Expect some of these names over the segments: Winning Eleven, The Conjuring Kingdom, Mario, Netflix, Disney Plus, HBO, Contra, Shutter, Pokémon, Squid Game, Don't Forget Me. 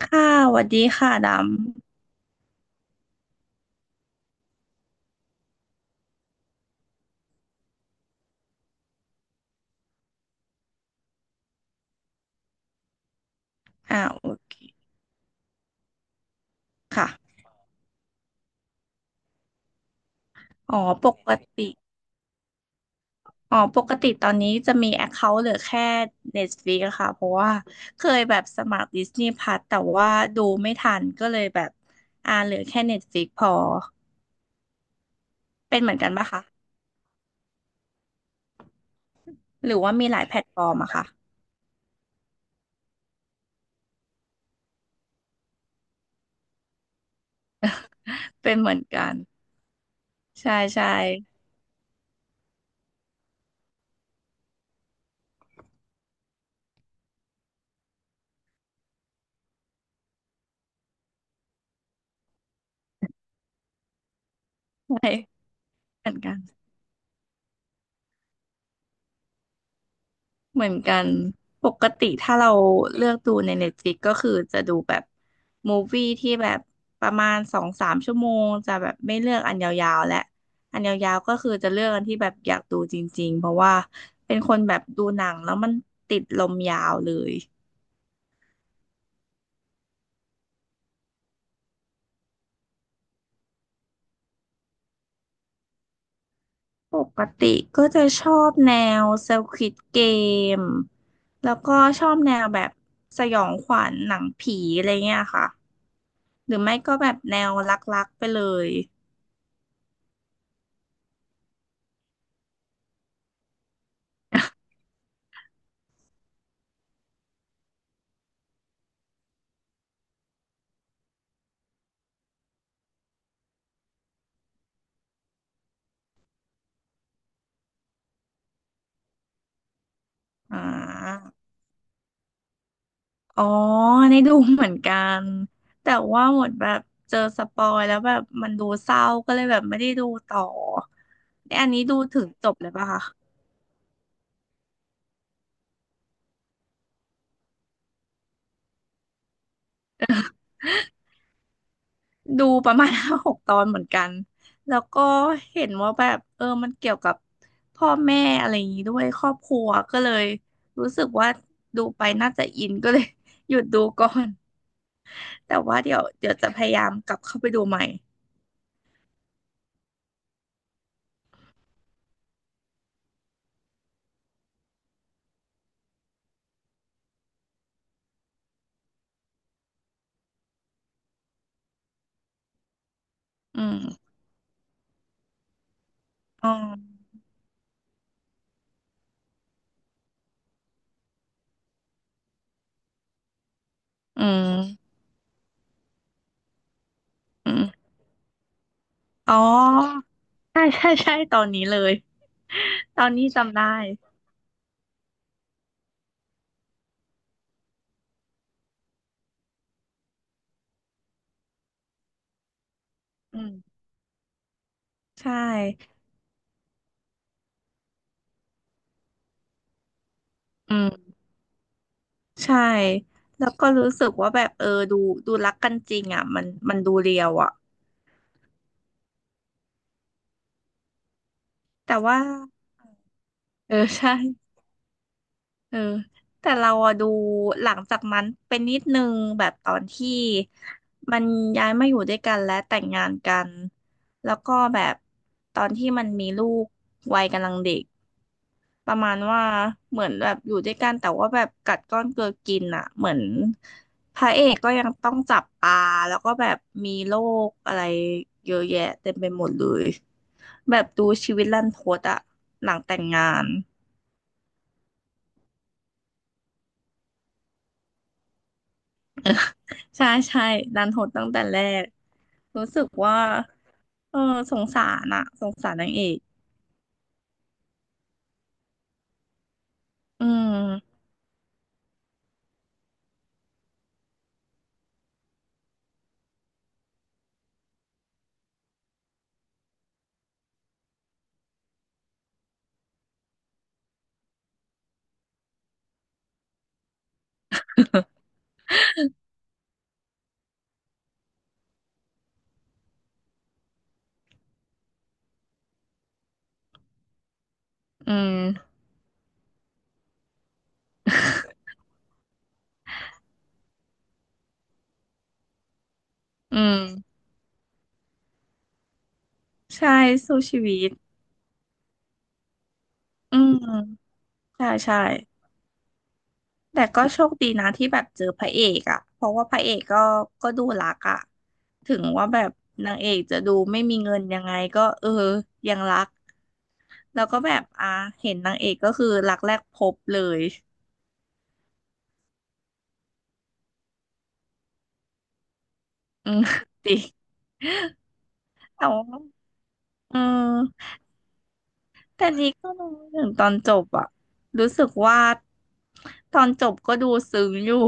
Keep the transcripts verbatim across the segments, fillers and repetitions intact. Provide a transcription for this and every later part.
ค่ะสวัสดีค่ะดำอ่าโอเคค่ะอ๋อปกติ อ๋อปกติตอนนี้จะมี Account เคาท์เหลือแค่ Netflix อะค่ะ เพราะว่าเคยแบบสมัคร Disney p l ั s แต่ว่าดูไม่ทันก็เลยแบบอ่าเหลือแค่ Netflix พอเป็นเหมือนกันปะคะหรือว่ามีหลายแพลตฟอร์มอะค่ะเป็นเหมือนกันใช่ใช่ใช่เหมือนกัน เหมือนกันปกติถ้าเราเลือกดูใน Netflix ก็คือจะดูแบบมูฟวี่ที่แบบประมาณสองสามชั่วโมงจะแบบไม่เลือกอันยาวๆและอันยาวๆก็คือจะเลือกอันที่แบบอยากดูจริงๆเพราะว่าเป็นคนแบบดูหนังแล้วมันติดลมยาวเลยปกติก็จะชอบแนว Squid Game แล้วก็ชอบแนวแบบสยองขวัญหนังผีอะไรเงี้ยค่ะหรือไม่ก็แบบแนวรักๆไปเลยอ่า อ๋อในดูเหมือนกันแต่ว่าหมดแบบเจอสปอยแล้วแบบมันดูเศร้าก็เลยแบบไม่ได้ดูต่อเนี่ยอันนี้ดูถึงจบเลยปะคะดูประมาณ ห้าหกตอนเหมือนกันแล้วก็เห็นว่าแบบเออมันเกี่ยวกับพ่อแม่อะไรอย่างนี้ด้วยครอบครัวก็เลยรู้สึกว่าดูไปน่าจะอินก็เลย หยุดดูก่อน แต่ว่าเดี๋ยวเดี๋ยวจะพยายามกลับเข้าไปดูใหม่อืมอ๋ออืมอืมอ๋อ ใช่ใช่ใช่ตอนนี้เลยตอนนี้จำได้อืมใช่อืมใช่แล้วก็รู้สึกว่าแบบเออดูดูรักกันจริงอ่ะมันมันดูเรียวอ่ะแต่ว่าเออใช่เออแต่เราอะดูหลังจากนั้นเป็นนิดนึงแบบตอนที่มันย้ายมาอยู่ด้วยกันและแต่งงานกันแล้วก็แบบตอนที่มันมีลูกวัยกำลังเด็ก ประมาณว่าเหมือนแบบอยู่ด้วยกันแต่ว่าแบบกัดก้อนเกลือกินอ่ะเหมือนพระเอกก็ยังต้องจับปลาแล้วก็แบบมีโรคอะไรเยอะแยะเต็มไปหมดเลยแบบดูชีวิตรันทดอ่ะหลังแต่งงานใช่ใช่รันทดตั้งแต่แรกรู้สึกว่าเออสงสารอ่ะสงสารนางเอกอืมอืมอืมใช่สู้ชีวิตอืมใช่ใช่ แต่ก็โชคดีนะที่แบบเจอพระเอกอะเพราะว่าพระเอกก็ก็ดูรักอะถึงว่าแบบนางเอกจะดูไม่มีเงินยังไงก็เออยังรัก แล้วก็แบบอ่ะเห็นนางเอกก็คือรักแรกพบเลยอืม จริงแต่ว่าเออแต่นี้ก็รู้ถึงตอนจบอะรู้สึกว่าตอนจบก็ดูซึ้งอยู่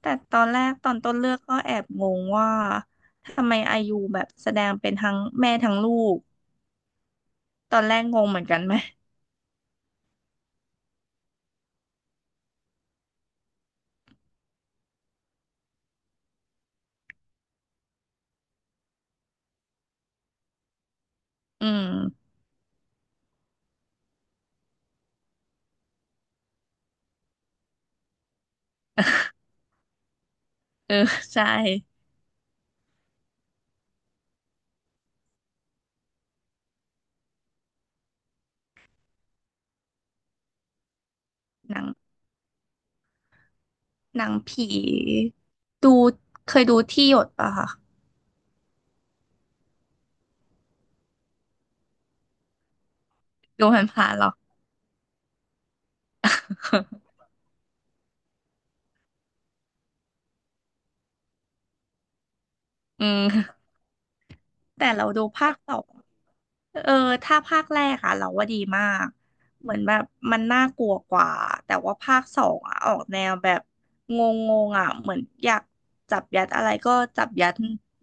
แต่ตอนแรกตอนต้นเรื่องก็แอบงงว่าทำไมอายุแบบแสดงเป็นทั้งแม่ทั้งลูก ตอนแรกงงเหมือนกันไหมอืมเออ ใช่หนังหนังผีดูเคยดูที่หยดป่ะคะดูผ่านผ่านหรอ อืมแต่เราดูภาคสอง เออ ถ้าภาคแรกอะเราว่าดีมากเหมือนแบบมันน่ากลัวกว่า แต่ว่าภาคสองอะออกแนวแบบงงๆอะเหมือนอยากจับยัดอะไรก็จับยัด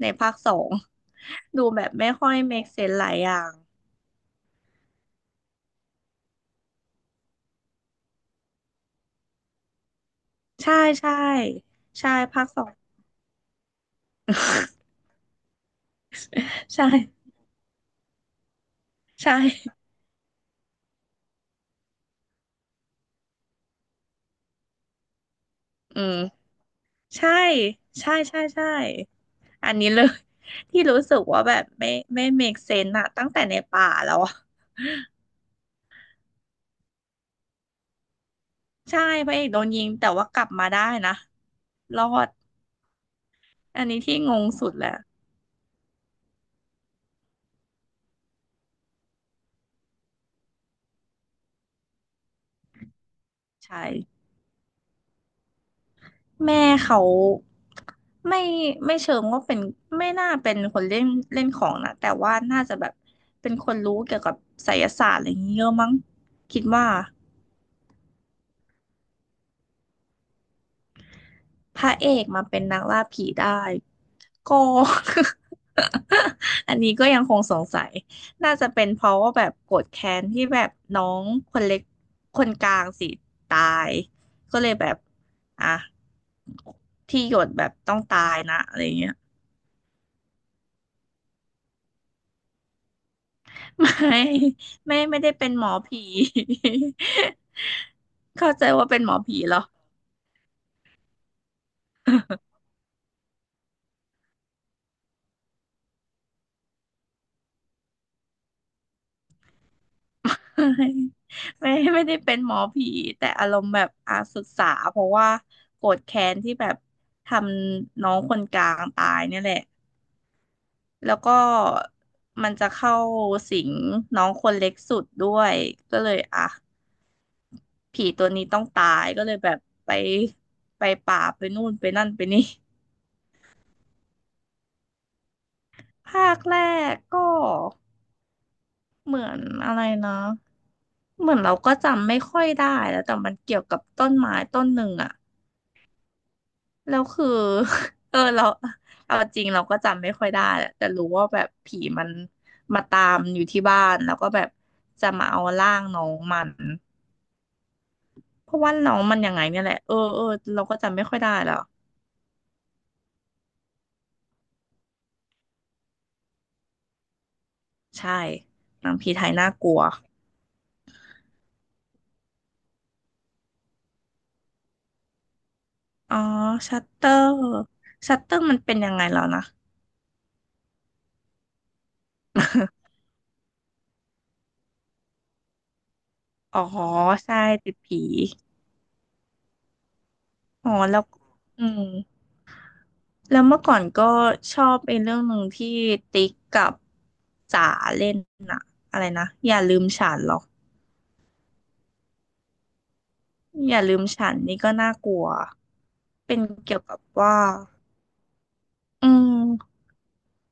ในภาคสอง ดูแบบไม่ค่อย make sense หลายอย่างใช่ใช่ ใช่ ภาคสอง ใช่ใช่อืมใช่ใช่ใช่ใช่อันนี้เลย ที่รู้สึกว่าแบบไม่ไม่ make sense อะตั้งแต่ในป่าแล้วอะใช่พระเอกโดนยิงแต่ว่ากลับมาได้นะรอดอันนี้ที่งงสุดแหละใช่แม่เขาไม่ไม่เชิงว่าเป็นไม่น่าเป็นคนเล่นเล่นของนะแต่ว่าน่าจะแบบเป็นคนรู้เกี่ยวกับไสยศาสตร์อะไรอย่างเงี้ยเยอะมั้งคิดว่า พระเอกมาเป็นนักล่าผีได้ก็ อันนี้ก็ยังคงสงสัยน่าจะเป็นเพราะว่าแบบโกรธแค้นที่แบบน้องคนเล็กคนกลางสิตายก็เลยแบบอ่ะที่หยดแบบต้องตายนะอะไรเงี้ย ไม่ไม่ไม่ได้เป็นหมอผี เข้าใจว่าเป็นหมอผีเหรอ ไม่ ไม่ไม่ได้เป็นหมอผีแต่อารมณ์แบบอาศึกษาเพราะว่าโกรธแค้นที่แบบทำน้องคนกลางตายเนี่ยแหละแล้วก็มันจะเข้าสิงน้องคนเล็กสุดด้วยก็เลยอ่ะผีตัวนี้ต้องตายก็เลยแบบไปไปป่าไปนู่นไปนั่นไปนี่ภาคแรกก็เหมือนอะไรนะเหมือนเราก็จำไม่ค่อยได้แล้วแต่มันเกี่ยวกับต้นไม้ต้นหนึ่งอะ แล้วคือ เออเรา เอาจริงเราก็จำไม่ค่อยได้แะแต่รู้ว่าแบบผีมันมาตามอยู่ที่บ้านแล้วก็แบบจะมาเอาร่างน้องมันเพราะว่าน้องมันยังไงเนี่ยแหละเออเออเราก็จำไม่ค่อยได้แล้วใช่หนังผีไทยน่ากลัวอ๋อชัตเตอร์ชัตเตอร์มันเป็นยังไงแล้วนะ อ๋อใช่ติดผีอ๋อแล้วอืม แล้วเมื่อก่อนก็ชอบเป็นเรื่องหนึ่งที่ติ๊กกับจ๋าเล่นน่ะอะไรนะอย่าลืมฉันหรอกอย่าลืมฉันนี่ก็น่ากลัวเป็นเกี่ยวกับว่าอืม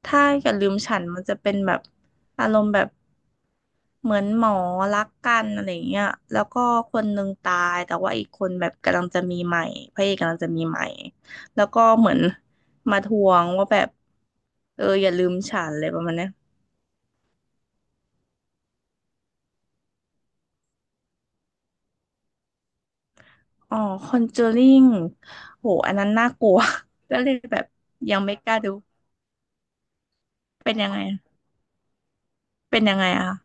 ถ้าอย่าลืมฉันมันจะเป็นแบบอารมณ์แบบเหมือนหมอรักกันอะไรเงี้ยแล้วก็คนหนึ่งตายแต่ว่าอีกคนแบบกำลังจะมีใหม่พระเอกกำลังจะมีใหม่แล้วก็เหมือนมาทวงว่าแบบเอออย่าลืมฉันเลยประมาณเนี้ย อ๋อคอนเจอริงโหอันนั้นน่ากลัว ก็เลยแบบยังไม่กล้าดูเป็นยังไงเป็นยังไงอะคะ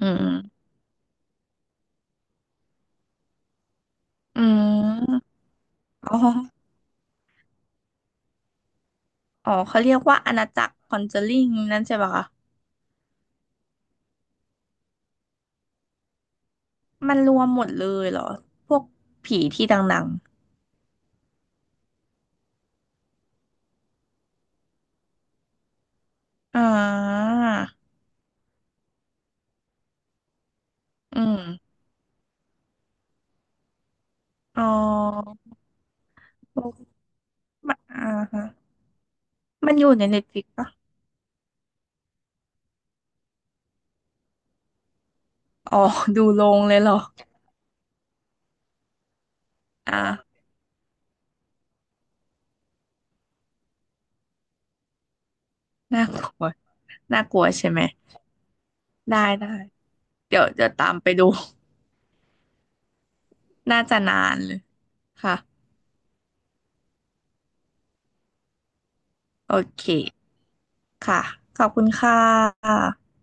อืมอืมอ๋ออ๋อเขาเรียกว่าอาณาจักรคอนเจอริงนั่นใช่ปะคะมันรวมหมดเลยเหรอพวกผีที่ดังๆอ่าอืมอ๋อโอ้มันอ่าฮะมันอยู่ในเน็ตฟลิกปะอ๋อดูลงเลยเหรออ่าน่ากลัวน่ากลัวใช่ไหมได้ได้เดี๋ยวจะตามไปดู น่าจะนานเลยค่ะโอเคค่ะขอบคุณค่ะ